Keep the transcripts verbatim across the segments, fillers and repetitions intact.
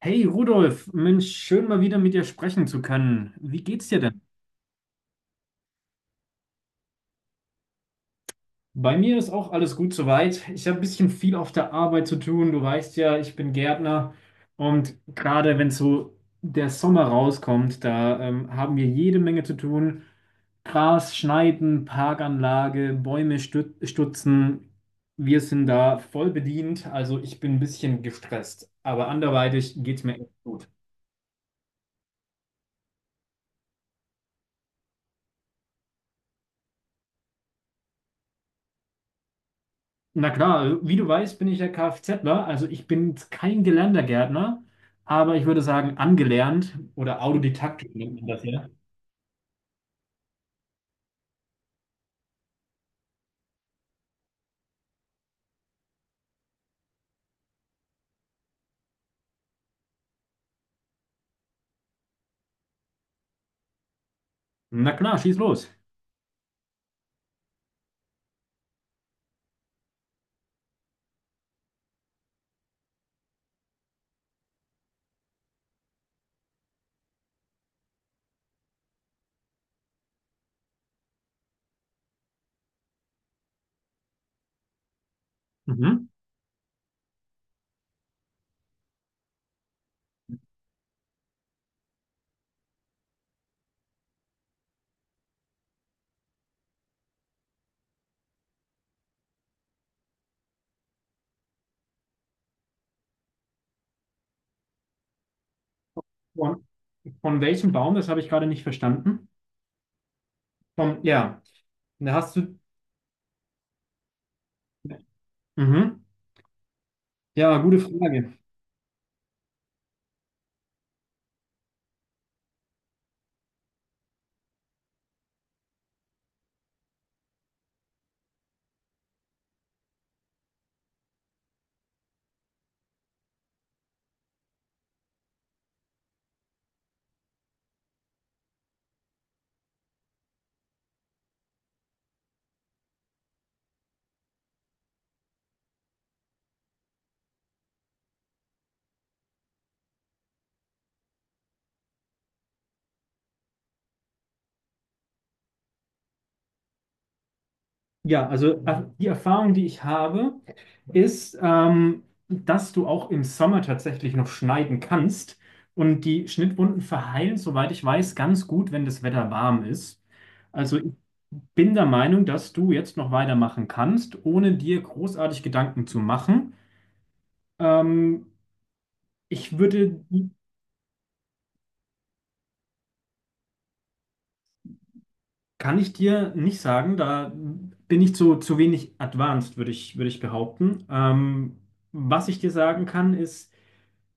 Hey Rudolf, Mensch, schön mal wieder mit dir sprechen zu können. Wie geht's dir denn? Bei mir ist auch alles gut soweit. Ich habe ein bisschen viel auf der Arbeit zu tun. Du weißt ja, ich bin Gärtner und gerade wenn so der Sommer rauskommt, da ähm, haben wir jede Menge zu tun. Gras schneiden, Parkanlage, Bäume stu- stutzen. Wir sind da voll bedient, also ich bin ein bisschen gestresst, aber anderweitig geht's mir echt gut. Na klar, also wie du weißt, bin ich ja Kfzler, also ich bin jetzt kein gelernter Gärtner, aber ich würde sagen angelernt oder autodidaktisch nennt man das ja. Na klar, schieß los. Mhm. Von, von welchem Baum? Das habe ich gerade nicht verstanden. Vom, ja, da hast du. Mhm. Ja, gute Frage. Ja, also äh, die Erfahrung, die ich habe, ist, ähm, dass du auch im Sommer tatsächlich noch schneiden kannst. Und die Schnittwunden verheilen, soweit ich weiß, ganz gut, wenn das Wetter warm ist. Also ich bin der Meinung, dass du jetzt noch weitermachen kannst, ohne dir großartig Gedanken zu machen. Ähm, ich würde, kann ich dir nicht sagen, da bin ich zu, zu wenig advanced, würde ich, würde ich behaupten. Ähm, was ich dir sagen kann, ist,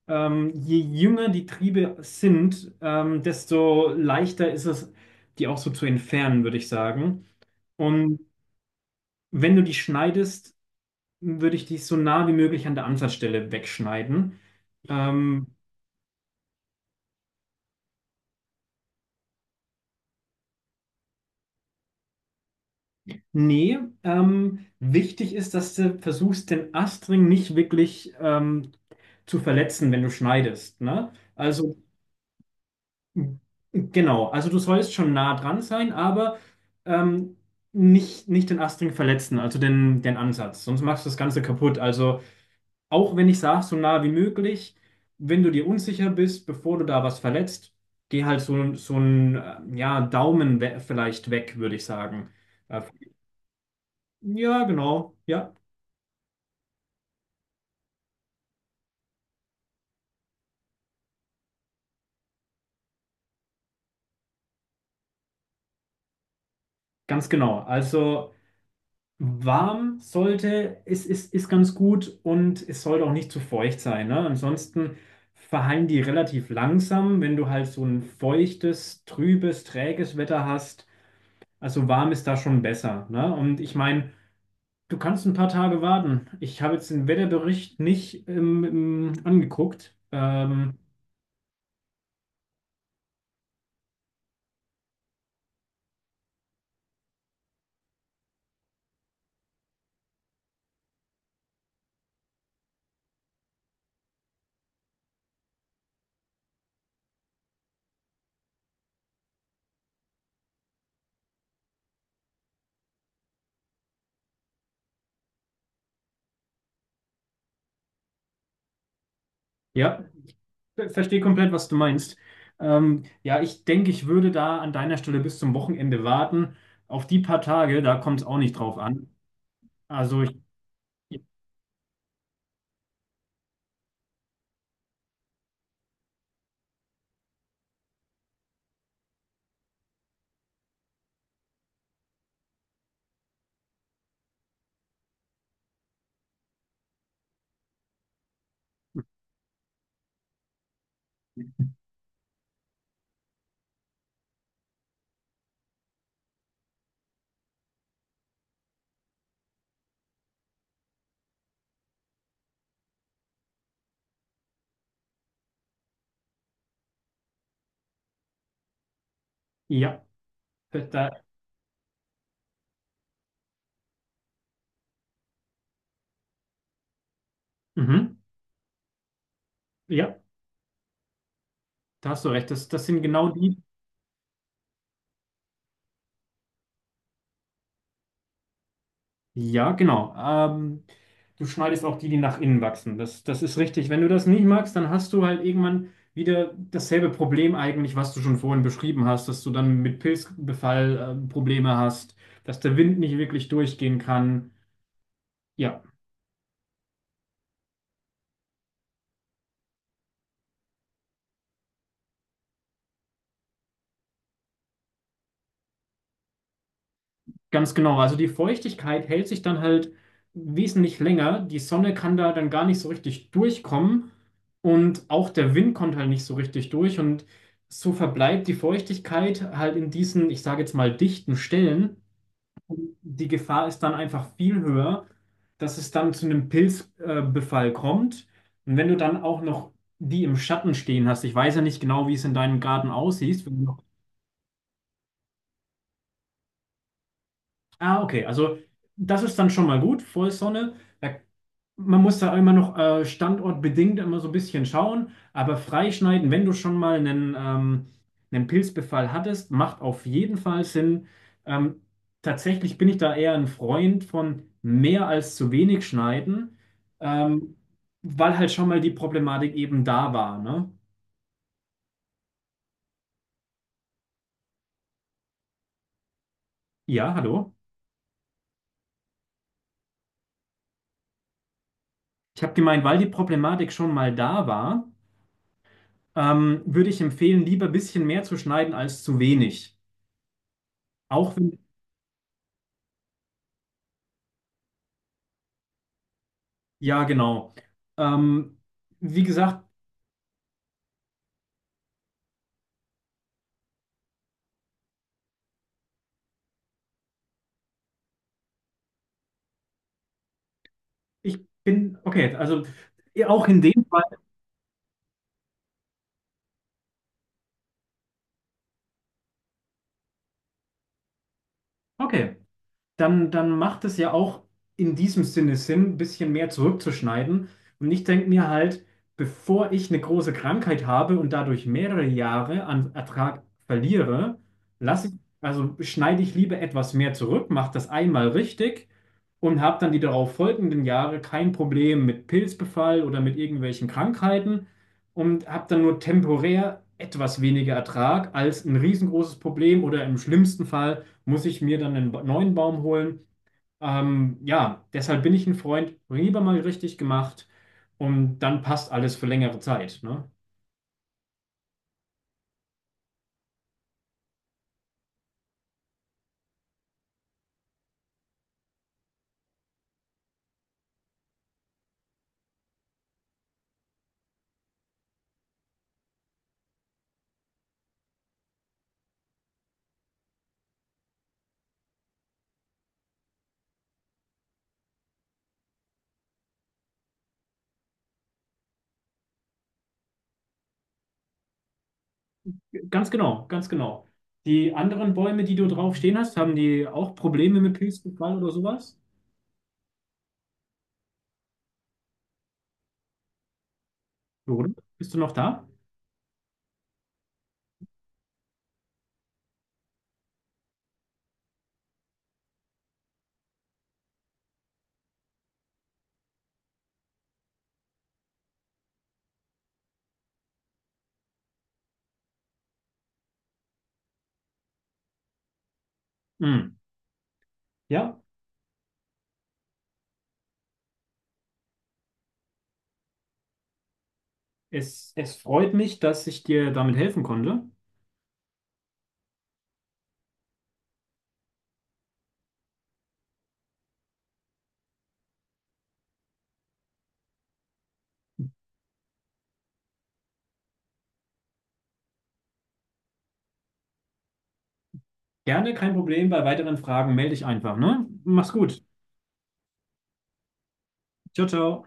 Ähm, je jünger die Triebe sind, ähm, desto leichter ist es, die auch so zu entfernen, würde ich sagen. Und wenn du die schneidest, würde ich die so nah wie möglich an der Ansatzstelle wegschneiden. Ähm, nee, ähm, wichtig ist, dass du versuchst, den Astring nicht wirklich ähm, zu verletzen, wenn du schneidest. Ne? Also genau, also du sollst schon nah dran sein, aber ähm, nicht, nicht den Astring verletzen, also den, den Ansatz, sonst machst du das Ganze kaputt. Also auch wenn ich sage, so nah wie möglich, wenn du dir unsicher bist, bevor du da was verletzt, geh halt so, so ein äh, ja, Daumen we vielleicht weg, würde ich sagen. Äh, ja, genau, ja, ganz genau. Also warm sollte, es ist, ist ganz gut und es sollte auch nicht zu feucht sein. Ne? Ansonsten verhallen die relativ langsam, wenn du halt so ein feuchtes, trübes, träges Wetter hast. Also warm ist da schon besser. Ne? Und ich meine, du kannst ein paar Tage warten. Ich habe jetzt den Wetterbericht nicht ähm, ähm, angeguckt. Ähm, ja, ver- verstehe komplett, was du meinst. Ähm, ja, ich denke, ich würde da an deiner Stelle bis zum Wochenende warten. Auf die paar Tage, da kommt es auch nicht drauf an. Also ich, ja, da, mhm, ja, da hast du recht. Das, das sind genau die, ja, genau. Ähm, du schneidest auch die, die nach innen wachsen. Das, das ist richtig. Wenn du das nicht magst, dann hast du halt irgendwann wieder dasselbe Problem eigentlich, was du schon vorhin beschrieben hast, dass du dann mit Pilzbefall, ähm, Probleme hast, dass der Wind nicht wirklich durchgehen kann. Ja, ganz genau, also die Feuchtigkeit hält sich dann halt wesentlich länger. Die Sonne kann da dann gar nicht so richtig durchkommen und auch der Wind kommt halt nicht so richtig durch und so verbleibt die Feuchtigkeit halt in diesen, ich sage jetzt mal, dichten Stellen. Und die Gefahr ist dann einfach viel höher, dass es dann zu einem Pilzbefall äh, Befall kommt. Und wenn du dann auch noch die im Schatten stehen hast, ich weiß ja nicht genau, wie es in deinem Garten aussieht, ah, okay. Also das ist dann schon mal gut, Vollsonne. Da, man muss da immer noch äh, standortbedingt immer so ein bisschen schauen, aber freischneiden, wenn du schon mal einen, ähm, einen Pilzbefall hattest, macht auf jeden Fall Sinn. Ähm, tatsächlich bin ich da eher ein Freund von mehr als zu wenig schneiden, ähm, weil halt schon mal die Problematik eben da war, ne? Ja, hallo. Ich habe gemeint, weil die Problematik schon mal da war. Ähm, würde ich empfehlen, lieber ein bisschen mehr zu schneiden als zu wenig. Auch wenn, ja, genau. Ähm, wie gesagt, ich bin, okay, also eh, auch in dem Fall, okay, dann, dann macht es ja auch in diesem Sinne Sinn, ein bisschen mehr zurückzuschneiden. Und ich denke mir halt, bevor ich eine große Krankheit habe und dadurch mehrere Jahre an Ertrag verliere, lasse ich, also schneide ich lieber etwas mehr zurück, mache das einmal richtig und habe dann die darauf folgenden Jahre kein Problem mit Pilzbefall oder mit irgendwelchen Krankheiten und habe dann nur temporär etwas weniger Ertrag als ein riesengroßes Problem oder im schlimmsten Fall muss ich mir dann einen ba- neuen Baum holen. Ähm, ja, deshalb bin ich ein Freund, lieber mal richtig gemacht und dann passt alles für längere Zeit. Ne? Ganz genau, ganz genau. Die anderen Bäume, die du drauf stehen hast, haben die auch Probleme mit Pilzbefall oder sowas? Oder? Bist du noch da? Hm. Ja, es, es freut mich, dass ich dir damit helfen konnte. Gerne, kein Problem. Bei weiteren Fragen melde dich einfach, ne? Mach's gut. Ciao, ciao.